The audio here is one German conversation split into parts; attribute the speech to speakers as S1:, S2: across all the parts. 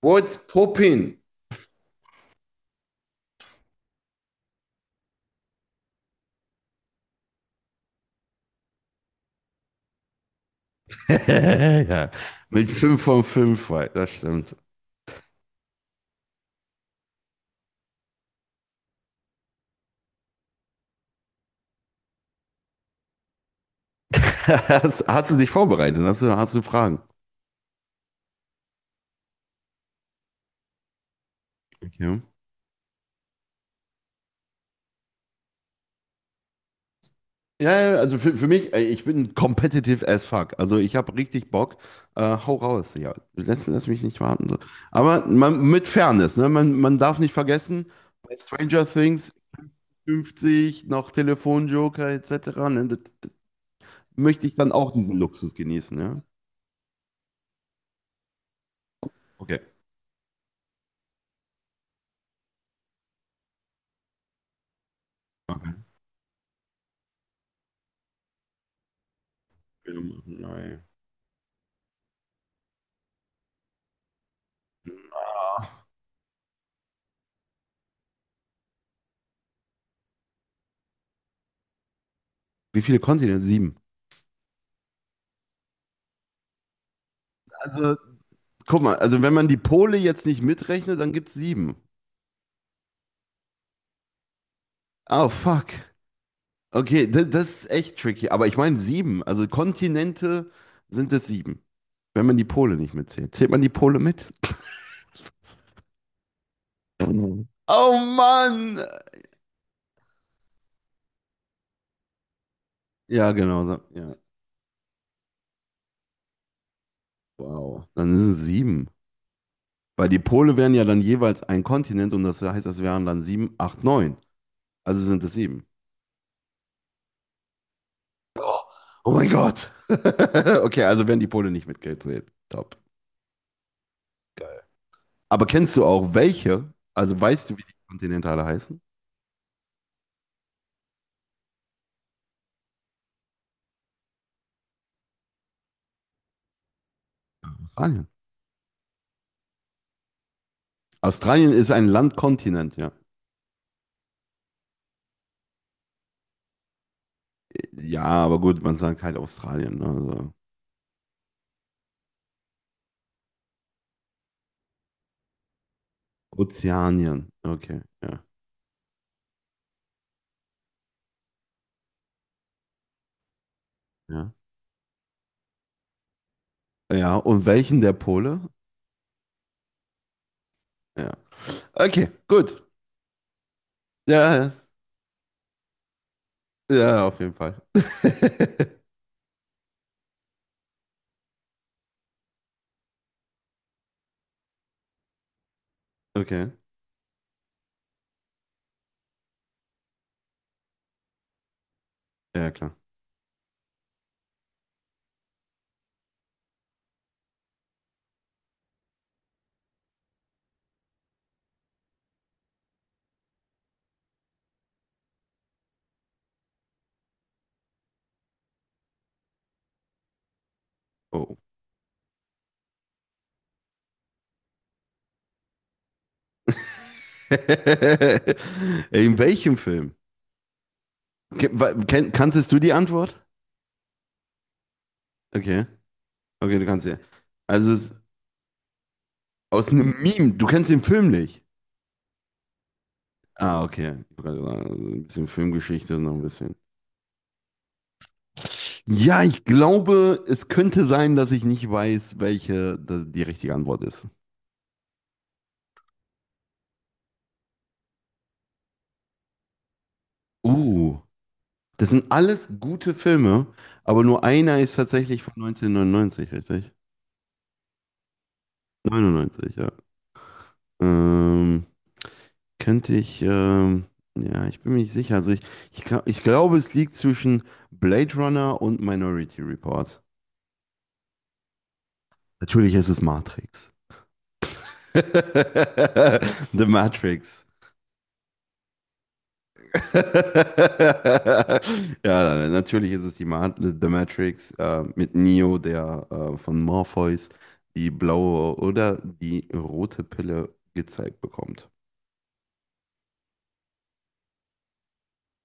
S1: What's poppin? Ja, mit 5 von 5, das stimmt. Hast du dich vorbereitet? Hast du Fragen? Okay. Ja, ja, also für mich, ich bin competitive as fuck. Also ich habe richtig Bock. Hau raus, ja. Lass mich nicht warten. So. Aber man, mit Fairness, ne? Man darf nicht vergessen, bei Stranger Things 50, noch Telefonjoker etc. Ne? Möchte ich dann auch diesen Luxus genießen, ja? Okay. Okay. Nein. Wie viele Kontinente? Sieben. Also, guck mal, also wenn man die Pole jetzt nicht mitrechnet, dann gibt's sieben. Oh, fuck. Okay, das ist echt tricky. Aber ich meine sieben. Also Kontinente sind es sieben. Wenn man die Pole nicht mitzählt. Zählt man die Pole mit? Oh Mann! Ja, genau. Ja. Wow. Dann sind es sieben. Weil die Pole wären ja dann jeweils ein Kontinent und das heißt, das wären dann sieben, acht, neun. Also sind es sieben. Oh, oh mein Gott. Okay, also werden die Pole nicht mitgezählt. Top. Aber kennst du auch welche? Also weißt du, wie die Kontinente alle heißen? Australien. Australien ist ein Landkontinent, ja. Ja, aber gut, man sagt halt Australien, ne? Also Ozeanien. Okay, ja, ja. Ja, und welchen der Pole? Ja. Okay, gut. Ja, ja, auf jeden Fall. Okay, ja, klar. Oh. In welchem Film? Kanntest du die Antwort? Okay, okay, du kannst ja. Also es, Aus einem Meme. Du kennst den Film nicht. Ah, okay. Ich wollte gerade sagen, also ein bisschen Filmgeschichte, noch ein bisschen. Ja, ich glaube, es könnte sein, dass ich nicht weiß, welche die richtige Antwort ist. Uh, Das sind alles gute Filme, aber nur einer ist tatsächlich von 1999, richtig? 99, ja. Ähm, könnte ich, ähm, ja, ich bin mir nicht sicher. Also ich glaube, es liegt zwischen Blade Runner und Minority Report. Natürlich ist es Matrix. The Matrix. Ja, natürlich ist es die Ma The Matrix mit Neo, der von Morpheus die blaue oder die rote Pille gezeigt bekommt.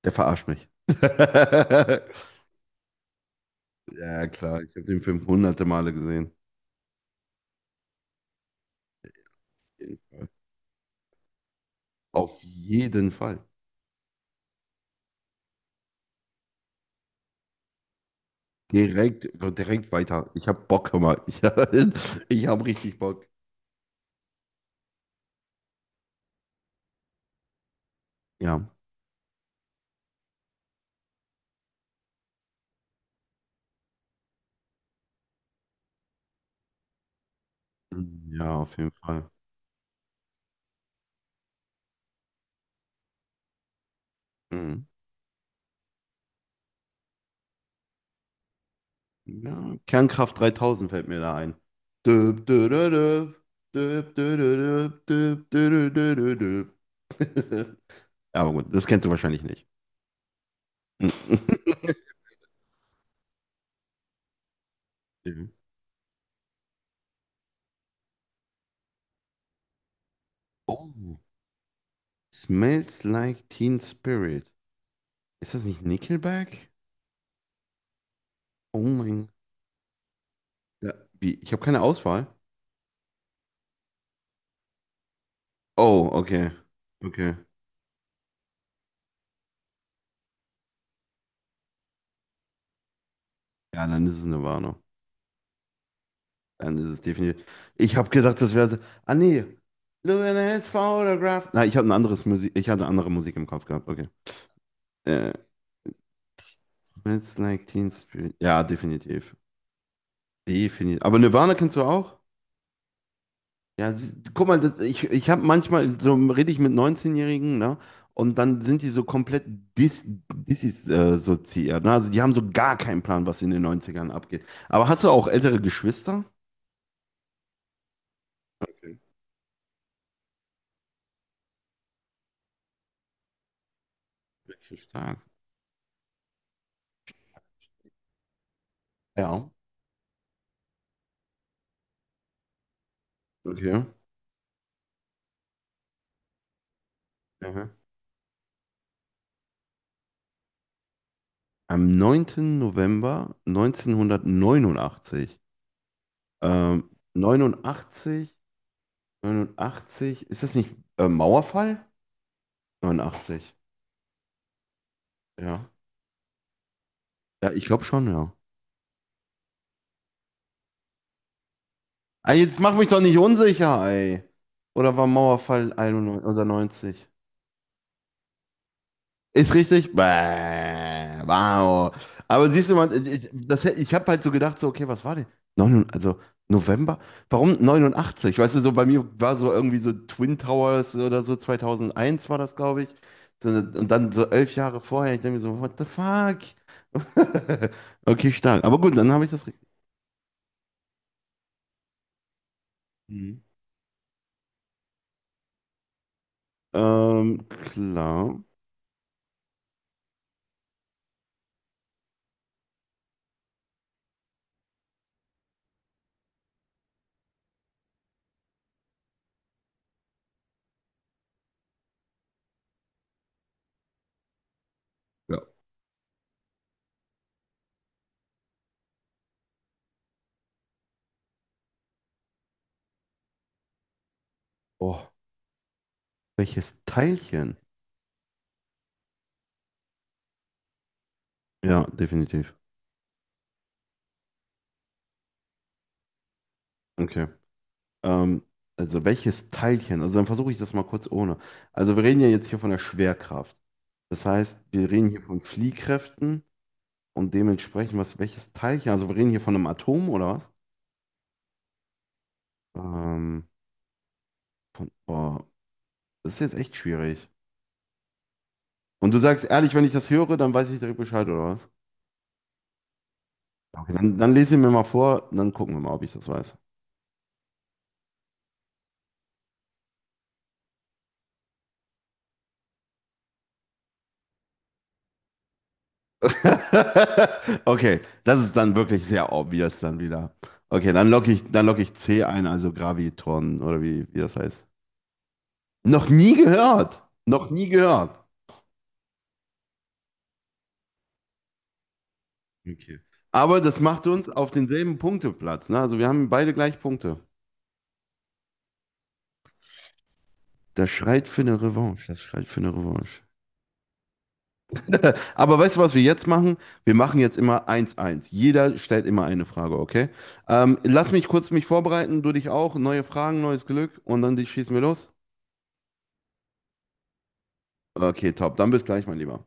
S1: Der verarscht mich. Ja, klar, ich habe den Film hunderte Male gesehen. Auf jeden Fall. Direkt weiter. Ich habe Bock, hör mal. Ich, ich habe richtig Bock. Ja. Ja, auf jeden Fall. Mhm. Ja, Kernkraft 3000 fällt mir da ein. Düb, dü, dü, dü, düb, dü, dü, dü, düb, dü, dü, dü, dü, dü. Ja, aber gut, das kennst du wahrscheinlich nicht. Mhm. Oh. Smells Like Teen Spirit. Ist das nicht Nickelback? Oh mein Gott. Ja, wie? Ich habe keine Auswahl. Oh, okay. Okay. Ja, dann ist es eine Warnung. Dann ist es definitiv. Ich habe gedacht, das wäre so. Ah, nee. Look at his photograph. Na, ich hatte ein anderes Musik. Ich hatte andere Musik im Kopf gehabt. Okay. Äh, It's Like Teen Spirit. Ja, definitiv. Definitiv. Aber Nirvana kennst du auch? Ja, guck mal, ich habe manchmal, so rede ich mit 19-Jährigen, ne? Und dann sind die so komplett dis, dissoziiert, ne? Also die haben so gar keinen Plan, was in den Neunzigern abgeht. Aber hast du auch ältere Geschwister? Okay, wirklich stark. Ja, okay. Mhm. Am 9. November 1989, ähm, 89 89, ist das nicht Mauerfall? 89, ja. Ja, ich glaube schon, ja. Ah, jetzt mach mich doch nicht unsicher, ey. Oder war Mauerfall 91 oder 90? Ist richtig? Bäh, wow. Aber siehst du mal, ich habe halt so gedacht, so, okay, was war denn? Also November? Warum 89. Weißt du, so bei mir war so irgendwie so Twin Towers oder so, 2001 war das, glaube ich. So, und dann so 11 Jahre vorher, ich denke mir so, what the fuck? Okay, stark. Aber gut, dann habe ich das richtig. Mhm. Klar. Ja. Oh, welches Teilchen? Ja, definitiv. Okay. Ähm, also welches Teilchen? Also dann versuche ich das mal kurz ohne. Also wir reden ja jetzt hier von der Schwerkraft. Das heißt, wir reden hier von Fliehkräften und dementsprechend, welches Teilchen? Also wir reden hier von einem Atom oder was? Ähm, boah, das ist jetzt echt schwierig. Und du sagst ehrlich, wenn ich das höre, dann weiß ich direkt Bescheid oder was? Okay, dann lese ich mir mal vor, dann gucken wir mal, ob ich das weiß. Okay, das ist dann wirklich sehr obvious dann wieder. Okay, dann locke ich C ein, also Gravitoren oder wie das heißt. Noch nie gehört. Noch nie gehört. Okay. Aber das macht uns auf denselben Punkteplatz. Ne? Also wir haben beide gleich Punkte. Das schreit für eine Revanche. Das schreit für eine Revanche. Aber weißt du, was wir jetzt machen? Wir machen jetzt immer eins eins. Jeder stellt immer eine Frage, okay? Lass mich kurz mich vorbereiten, du dich auch. Neue Fragen, neues Glück und dann schießen wir los. Okay, top. Dann bis gleich, mein Lieber.